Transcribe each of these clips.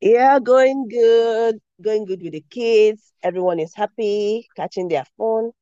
Yeah, going good with the kids. Everyone is happy, catching their phone.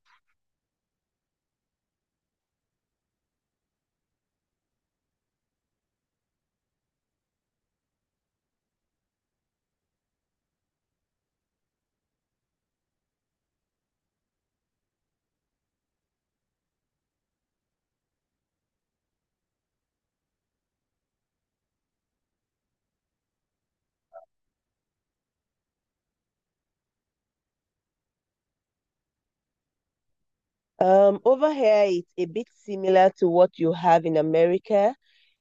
Over here, it's a bit similar to what you have in America.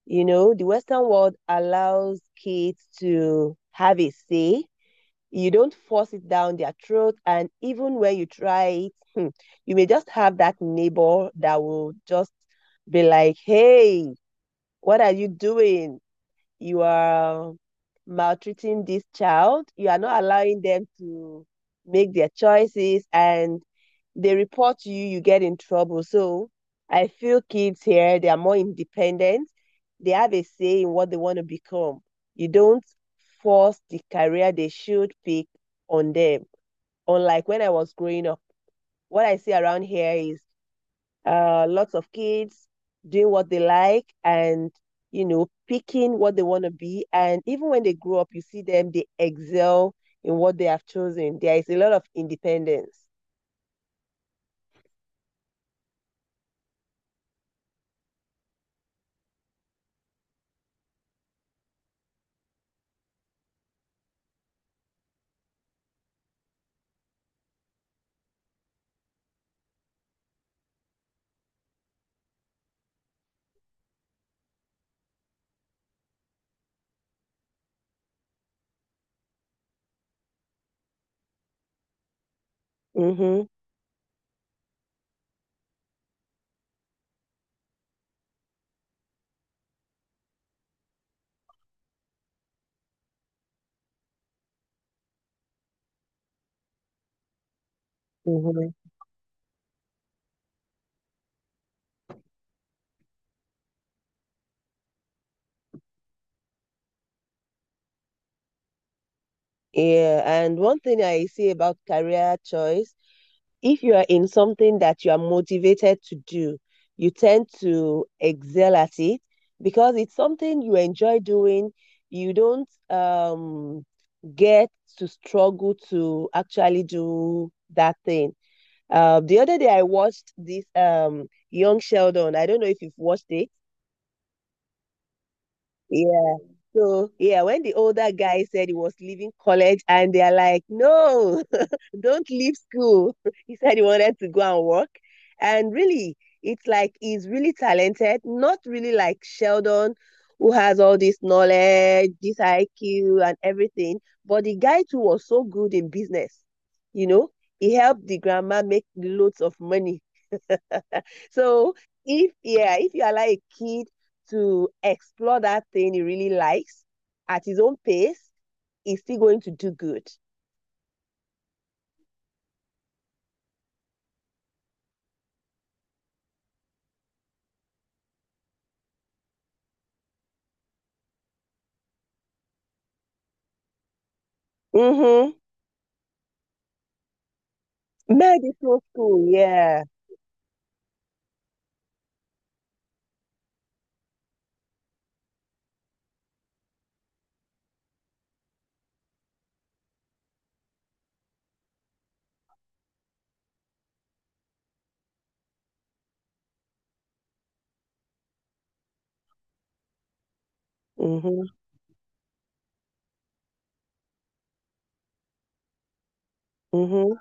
You know, the Western world allows kids to have a say. You don't force it down their throat, and even when you try it, you may just have that neighbor that will just be like, "Hey, what are you doing? You are maltreating this child. You are not allowing them to make their choices, and they report you, you get in trouble." So I feel kids here, they are more independent. They have a say in what they want to become. You don't force the career they should pick on them. Unlike when I was growing up, what I see around here is lots of kids doing what they like and, you know, picking what they want to be. And even when they grow up, you see them, they excel in what they have chosen. There is a lot of independence. Mm-hmm, mm-hmm. Yeah, and one thing I see about career choice, if you are in something that you are motivated to do, you tend to excel at it because it's something you enjoy doing. You don't get to struggle to actually do that thing. The other day, I watched this Young Sheldon. I don't know if you've watched it. He So yeah, when the older guy said he was leaving college, and they're like, "No, don't leave school," he said he wanted to go and work, and really, it's like he's really talented, not really like Sheldon, who has all this knowledge, this IQ, and everything. But the guy too was so good in business, you know. He helped the grandma make loads of money. So if, yeah, if you allow a kid to explore that thing he really likes at his own pace, he's still going to do good. Mm-hmm. Medical school, yeah. Mm-hmm. Mm-hmm.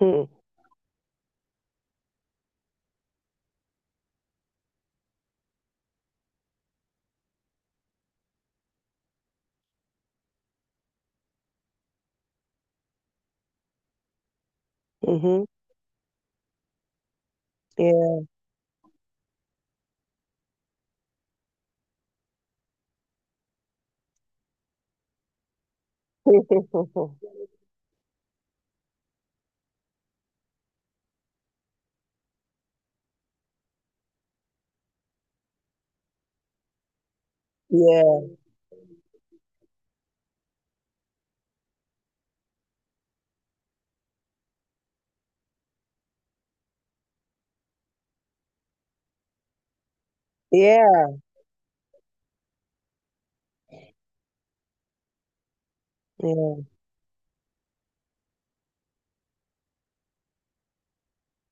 Mm-hmm. Mm-hmm. Yeah. Yeah. Yeah. Yeah.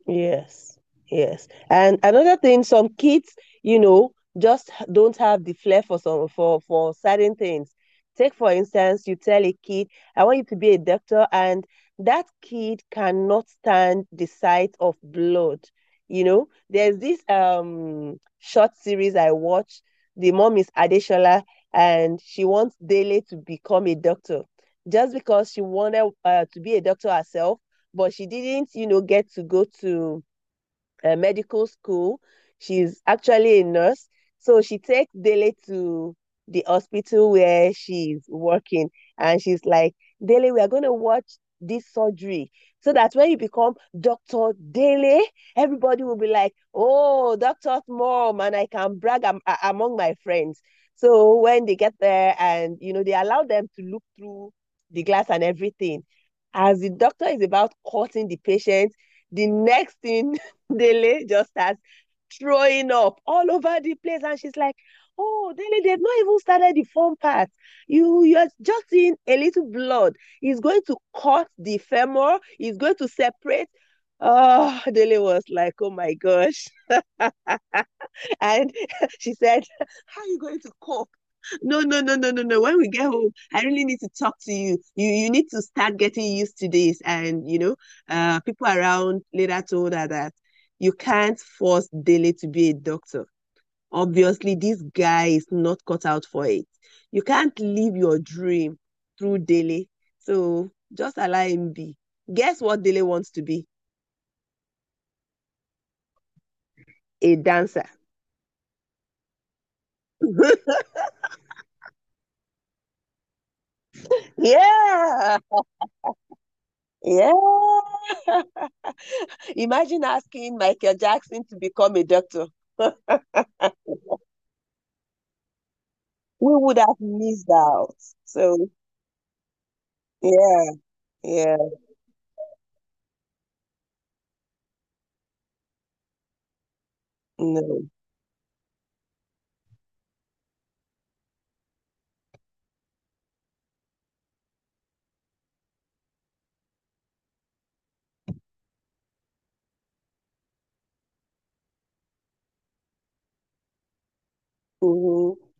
Yes, yes. And another thing, some kids, you know, just don't have the flair for some for certain things. Take for instance, you tell a kid, "I want you to be a doctor," and that kid cannot stand the sight of blood. You know, there's this short series I watch. The mom is Adeshola, and she wants Dele to become a doctor just because she wanted to be a doctor herself, but she didn't, you know, get to go to medical school. She's actually a nurse. So she takes Dele to the hospital where she's working. And she's like, "Dele, we are going to watch this surgery so that when you become Dr. Dele, everybody will be like, oh, doctor's mom, and I can brag among my friends." So when they get there, and, you know, they allow them to look through the glass and everything. As the doctor is about cutting the patient, the next thing, Dele just starts throwing up all over the place. And she's like, "Oh, Dele, they've not even started the fun part. You, you're just seeing a little blood. It's going to cut the femur, it's going to separate." Oh, Dele was like, "Oh my gosh." And she said, "How are you going to cope? No, no, no, no, no, no. When we get home, I really need to talk to you. You need to start getting used to this." And you know, people around later told her that you can't force Dele to be a doctor. Obviously, this guy is not cut out for it. You can't live your dream through Dele. So just allow him be. Guess what Dele wants to be? A dancer. Yeah. Yeah. Imagine asking Michael Jackson to become a doctor. We would have missed out. So, yeah, yeah, no. Mm-hmm.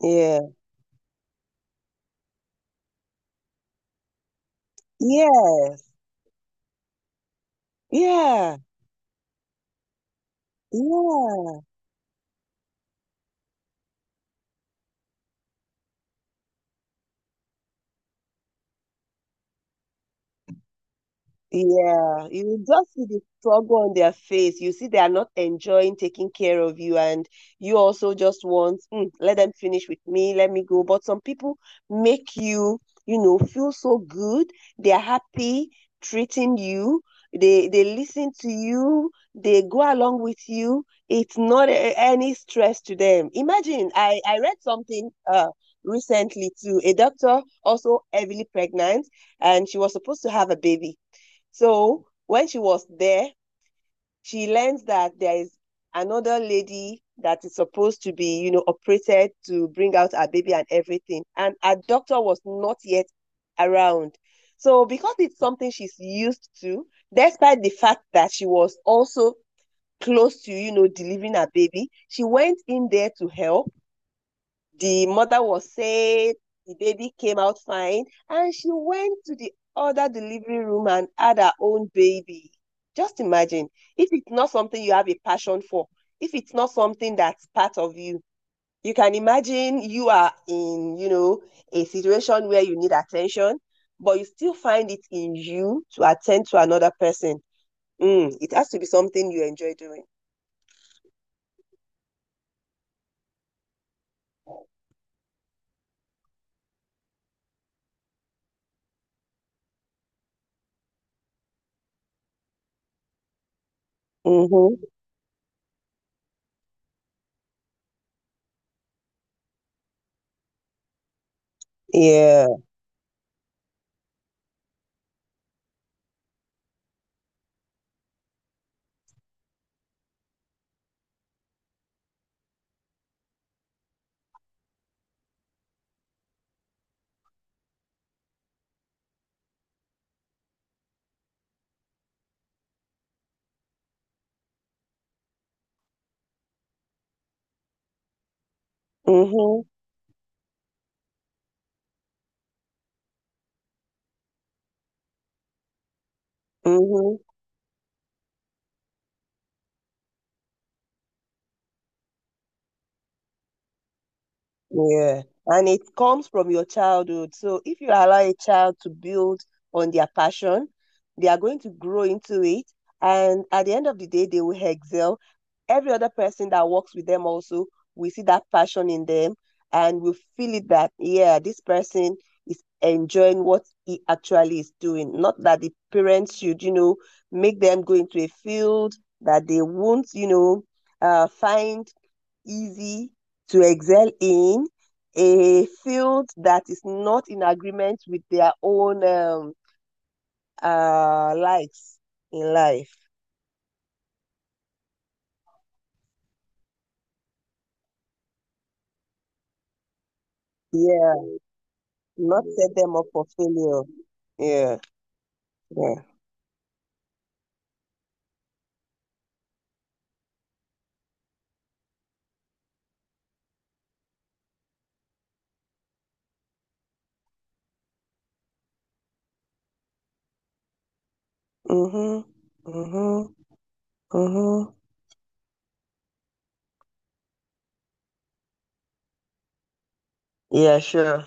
Yeah, yes, yeah, yeah. Yeah, you just see the struggle on their face. You see they are not enjoying taking care of you, and you also just want, "Mm, let them finish with me, let me go." But some people make you, you know, feel so good. They are happy treating you. They listen to you. They go along with you. It's not any stress to them. Imagine, I read something recently too. A doctor also heavily pregnant, and she was supposed to have a baby, so when she was there, she learns that there is another lady that is supposed to be, you know, operated to bring out her baby and everything. And her doctor was not yet around. So because it's something she's used to, despite the fact that she was also close to, you know, delivering her baby, she went in there to help. The mother was safe, the baby came out fine, and she went to the other delivery room and had her own baby. Just imagine, if it's not something you have a passion for, if it's not something that's part of you, you can imagine you are in, you know, a situation where you need attention, but you still find it in you to attend to another person. Mm, it has to be something you enjoy doing. Mm-hmm. Yeah. Mm-hmm. Mm-hmm. Yeah. And it comes from your childhood. So if you allow a child to build on their passion, they are going to grow into it. And at the end of the day, they will excel. Every other person that works with them also, we see that passion in them and we feel it that, yeah, this person is enjoying what he actually is doing. Not that the parents should, you know, make them go into a field that they won't, you know, find easy to excel in, a field that is not in agreement with their own likes in life. Yeah, not set them up for failure. Yeah, yeah. Mm-hmm. Mm-hmm. Mm-hmm. Yeah, sure.